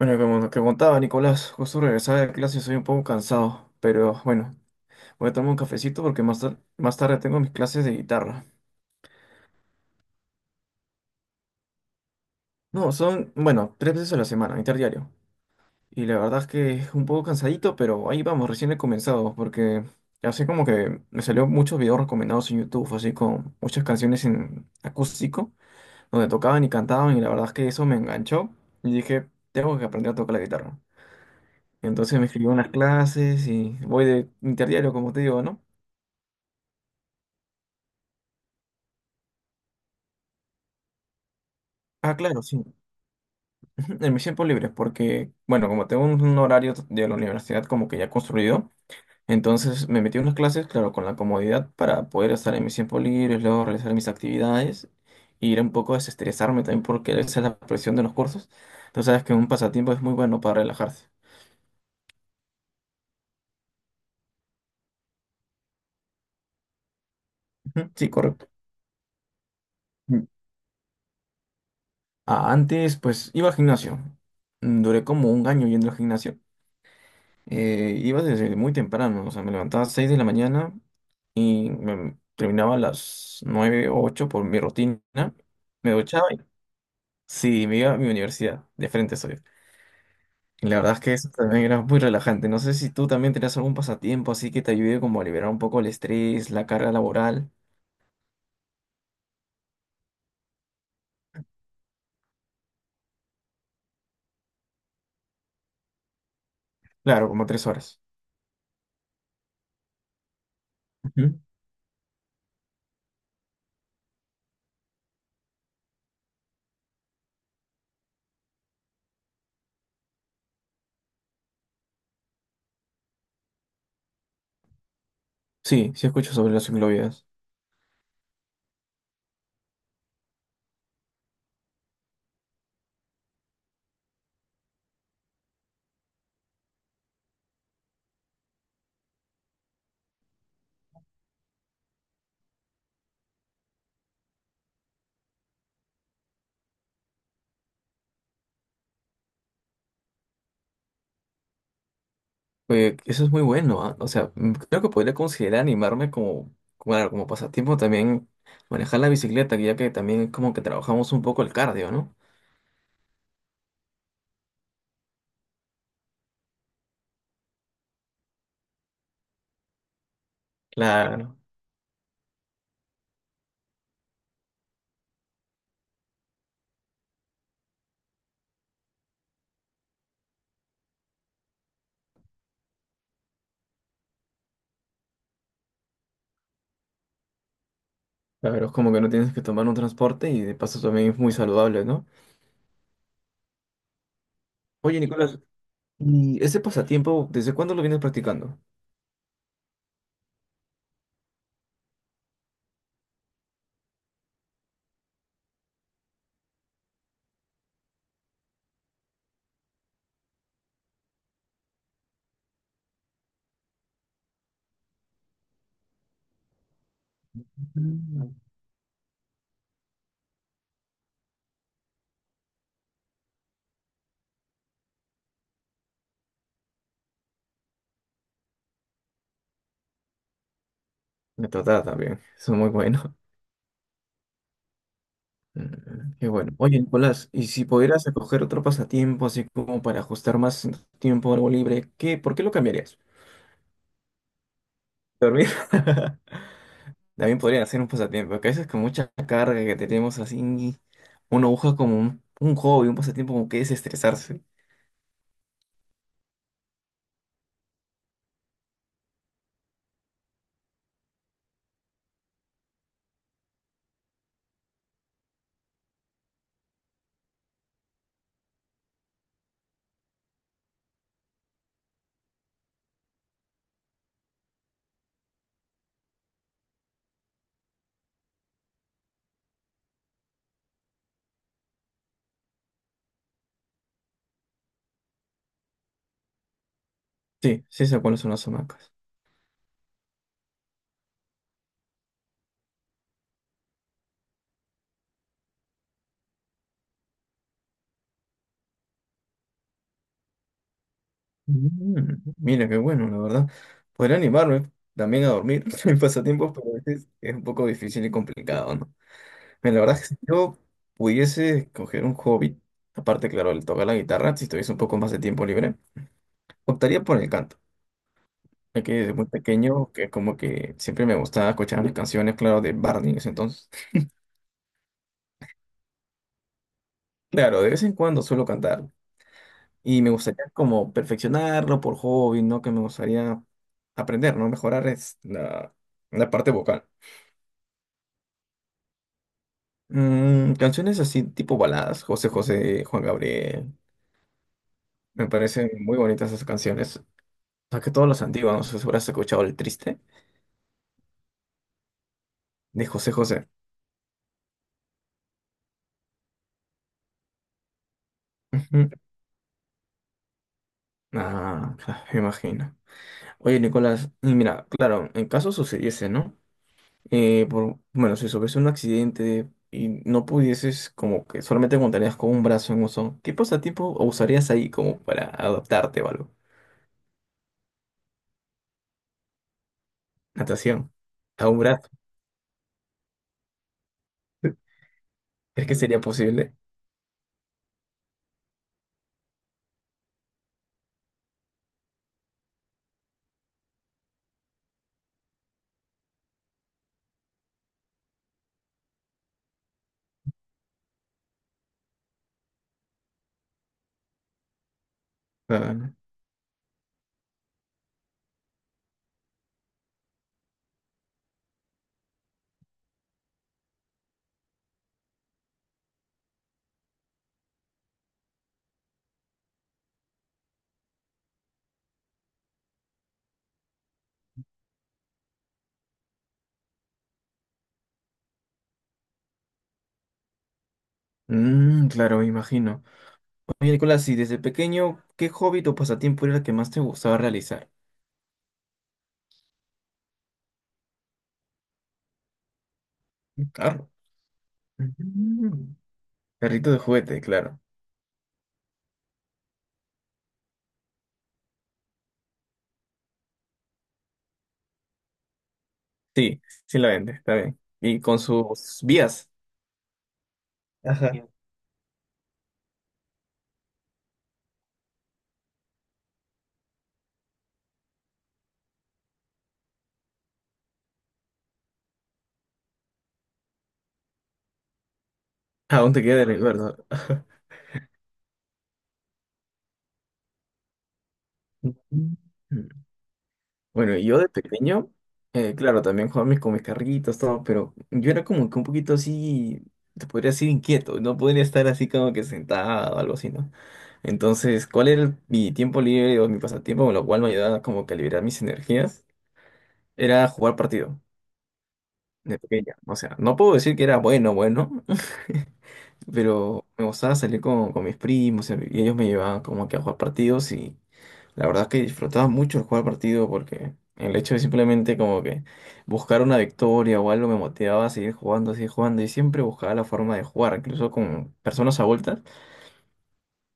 Bueno, como te contaba Nicolás, justo regresaba de clase soy un poco cansado, pero bueno, voy a tomar un cafecito porque más, más tarde tengo mis clases de guitarra. No, son, bueno, tres veces a la semana, interdiario. Y la verdad es que es un poco cansadito, pero ahí vamos, recién he comenzado, porque así como que me salió muchos videos recomendados en YouTube, así con muchas canciones en acústico, donde tocaban y cantaban, y la verdad es que eso me enganchó y dije, tengo que aprender a tocar la guitarra. Entonces me escribí unas clases y voy de interdiario, como te digo, ¿no? Ah, claro, sí. Ujú. En mis tiempos libres, porque, bueno, como tengo un horario de la universidad como que ya construido, entonces me metí en unas clases, claro, con la comodidad para poder estar en mis tiempos libres, luego realizar mis actividades, e ir un poco a desestresarme también, porque esa es la presión de los cursos. Entonces sabes que un pasatiempo es muy bueno para relajarse. Ujú. Sí, correcto. Mm. Ah, antes, pues, iba al gimnasio. Mm. Duré como un año yendo al gimnasio. Iba desde muy temprano, o sea, me levantaba a las 6 de la mañana y terminaba a las 9 o 8 por mi rutina. Me duchaba y sí, me iba a mi universidad, de frente soy. Y la verdad es que eso también era muy relajante. No sé si tú también tenías algún pasatiempo así que te ayude como a liberar un poco el estrés, la carga laboral. Claro, como tres horas. Ujú. Sí, sí escucho sobre las ciclovías. Oye, eso es muy bueno, ¿ah? O sea, mm, creo que podría considerar animarme como, claro, como pasatiempo también manejar la bicicleta, ya que también es como que trabajamos un poco el cardio, ¿no? Claro, claro, es como que no tienes que tomar un transporte y de paso también es muy saludable, ¿no? Oye, Nicolás, ¿y ese pasatiempo, desde cuándo lo vienes practicando? Mm. Me trata también, eso es muy bueno. Mm. Qué bueno. Oye, Nicolás, y si pudieras escoger otro pasatiempo, así como para ajustar más tiempo a algo libre, ¿qué, por qué lo cambiarías? ¿Dormir? También podrían hacer un pasatiempo, que a veces con mucha carga que tenemos así, uno busca como un hobby, un pasatiempo como que desestresarse. Sí, sí sé cuáles son las hamacas. Mm, mira, qué bueno, la verdad. Podría animarme también a dormir en pasatiempos, pero a veces es un poco difícil y complicado, ¿no? Pero la verdad es que si yo pudiese escoger un hobby, aparte, claro, el tocar la guitarra, si tuviese un poco más de tiempo libre, optaría por el canto. Ya que desde muy pequeño, que como que siempre me gustaba escuchar las canciones, claro, de Barney en ese entonces. Claro, de vez en cuando suelo cantar y me gustaría como perfeccionarlo por hobby, ¿no? Que me gustaría aprender, ¿no? Mejorar es la, la parte vocal. Canciones así tipo baladas, José José, Juan Gabriel, me parecen muy bonitas esas canciones. O sea, que todas las antiguas, no sé si habrás escuchado El Triste de José José. Ujú. Ah, claro, me imagino. Oye, Nicolás, y mira, claro, en caso sucediese, ¿no? Por, bueno, si sufres un accidente y no pudieses, como que solamente contarías con un brazo en uso, ¿qué pasatiempo usarías ahí como para adaptarte o algo? Natación, a un brazo. ¿Crees que sería posible? Ah, no. Claro, me imagino. Oye, Nicolás, y desde pequeño, ¿qué hobby o pasatiempo era el que más te gustaba realizar? Un carro. Mm. Carrito de juguete, claro. Sí, sí la vende, está bien. Y con sus vías. Ajá. Aún te queda de recuerdo. Ujú. Bueno, y yo de pequeño, claro, también jugaba con mis carritos, todo, pero yo era como que un poquito así, te podría decir inquieto, no podría estar así como que sentado o algo así, ¿no? Entonces, ¿cuál era mi tiempo libre o mi pasatiempo, con lo cual me ayudaba como que a liberar mis energías? Era jugar partido de pequeño. O sea, no puedo decir que era bueno, bueno, pero me gustaba salir con mis primos y ellos me llevaban como que a jugar partidos y la verdad es que disfrutaba mucho el jugar partido porque el hecho de simplemente como que buscar una victoria o algo me motivaba a seguir jugando y siempre buscaba la forma de jugar, incluso con personas adultas.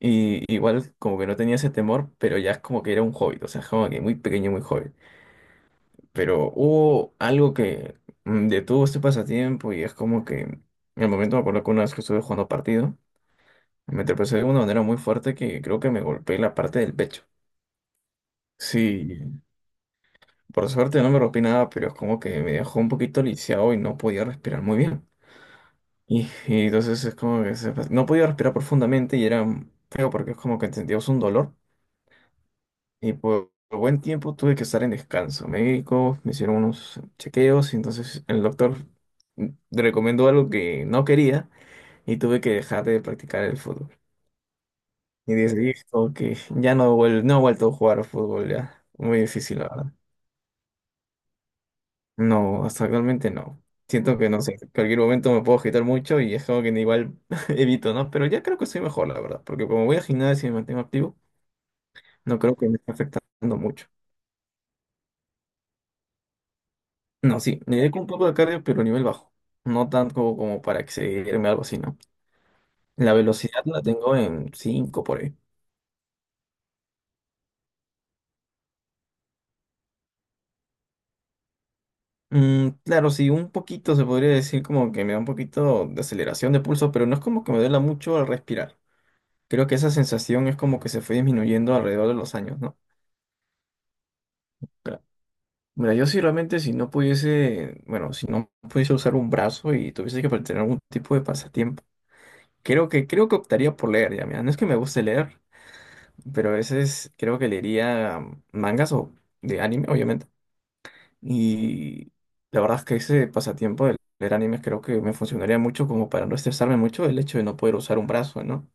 Y igual como que no tenía ese temor, pero ya es como que era un hobby, o sea, es como que muy pequeño, muy joven. Pero hubo algo que detuvo este pasatiempo y es como que en el momento me acuerdo que una vez que estuve jugando partido, me tropecé de una manera muy fuerte que creo que me golpeé la parte del pecho. Sí. Por suerte no me rompí nada, pero es como que me dejó un poquito lisiado y no podía respirar muy bien. Y entonces es como que no podía respirar profundamente y era feo porque es como que sentías un dolor. Y por buen tiempo tuve que estar en descanso médico, me hicieron unos chequeos y entonces el doctor mm, recomendó algo que no quería y tuve que dejar de practicar el fútbol. Y decidí que ya no, no he vuelto a jugar al fútbol ya. Muy difícil, ahora. No, hasta actualmente no. Siento que no sé, en cualquier momento me puedo agitar mucho y es como que igual evito, ¿no? Pero ya creo que soy mejor, la verdad, porque como voy a gimnasio y me mantengo activo, no creo que me esté afectando mucho. No, sí, me dedico un poco de cardio, pero a nivel bajo. No tanto como, como para excederme o algo así, ¿no? La velocidad la tengo en 5 por ahí. Mm, claro, sí, un poquito se podría decir como que me da un poquito de aceleración de pulso, pero no es como que me duela mucho al respirar. Creo que esa sensación es como que se fue disminuyendo alrededor de los años, ¿no? Mira, yo si realmente si no pudiese, bueno, si no pudiese usar un brazo y tuviese que tener algún tipo de pasatiempo, creo que optaría por leer, ya, mira, no es que me guste leer, pero a veces creo que leería mangas o de anime, obviamente, y la verdad es que ese pasatiempo de leer animes creo que me funcionaría mucho como para no estresarme mucho el hecho de no poder usar un brazo, ¿no?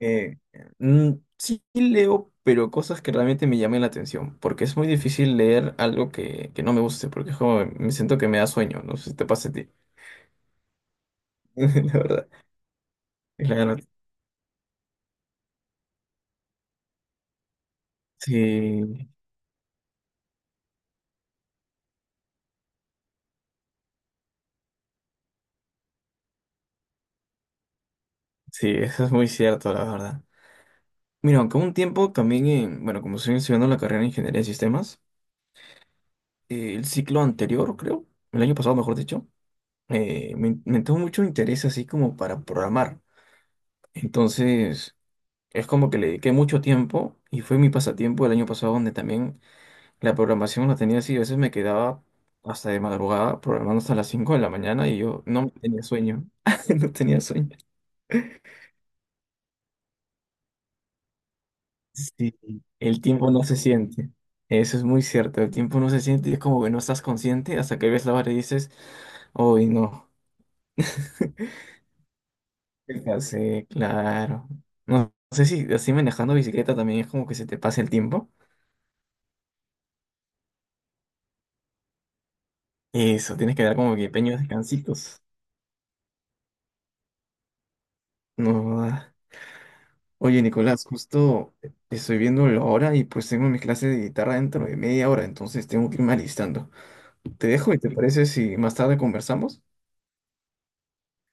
Eh, mm, sí leo, pero cosas que realmente me llamen la atención, porque es muy difícil leer algo que no me guste, porque es como, me siento que me da sueño, no sé si te pasa a ti, la verdad. Claro, sí, sí, eso es muy cierto, la verdad. Mira, aunque hubo un tiempo también, bueno, como estoy estudiando la carrera de Ingeniería de Sistemas, el ciclo anterior, creo, el año pasado, mejor dicho, me entró mucho interés así como para programar. Entonces... Es como que le dediqué mucho tiempo y fue mi pasatiempo el año pasado donde también la programación la tenía así. A veces me quedaba hasta de madrugada programando hasta las 5 de la mañana y yo no tenía sueño. No tenía sueño. Sí, el tiempo no se siente. Eso es muy cierto. El tiempo no se siente y es como que no estás consciente hasta que ves la hora y dices, hoy no. Sí, claro. No sé si así manejando bicicleta también es como que se te pasa el tiempo. Eso, tienes que dar como que pequeños descansitos. No. Ah. Oye, Nicolás, justo estoy viendo la hora y pues tengo mi clase de guitarra dentro de media hora, entonces tengo que irme alistando. Te dejo y te parece si más tarde conversamos.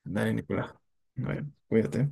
Dale, Nicolás. Bueno, cuídate.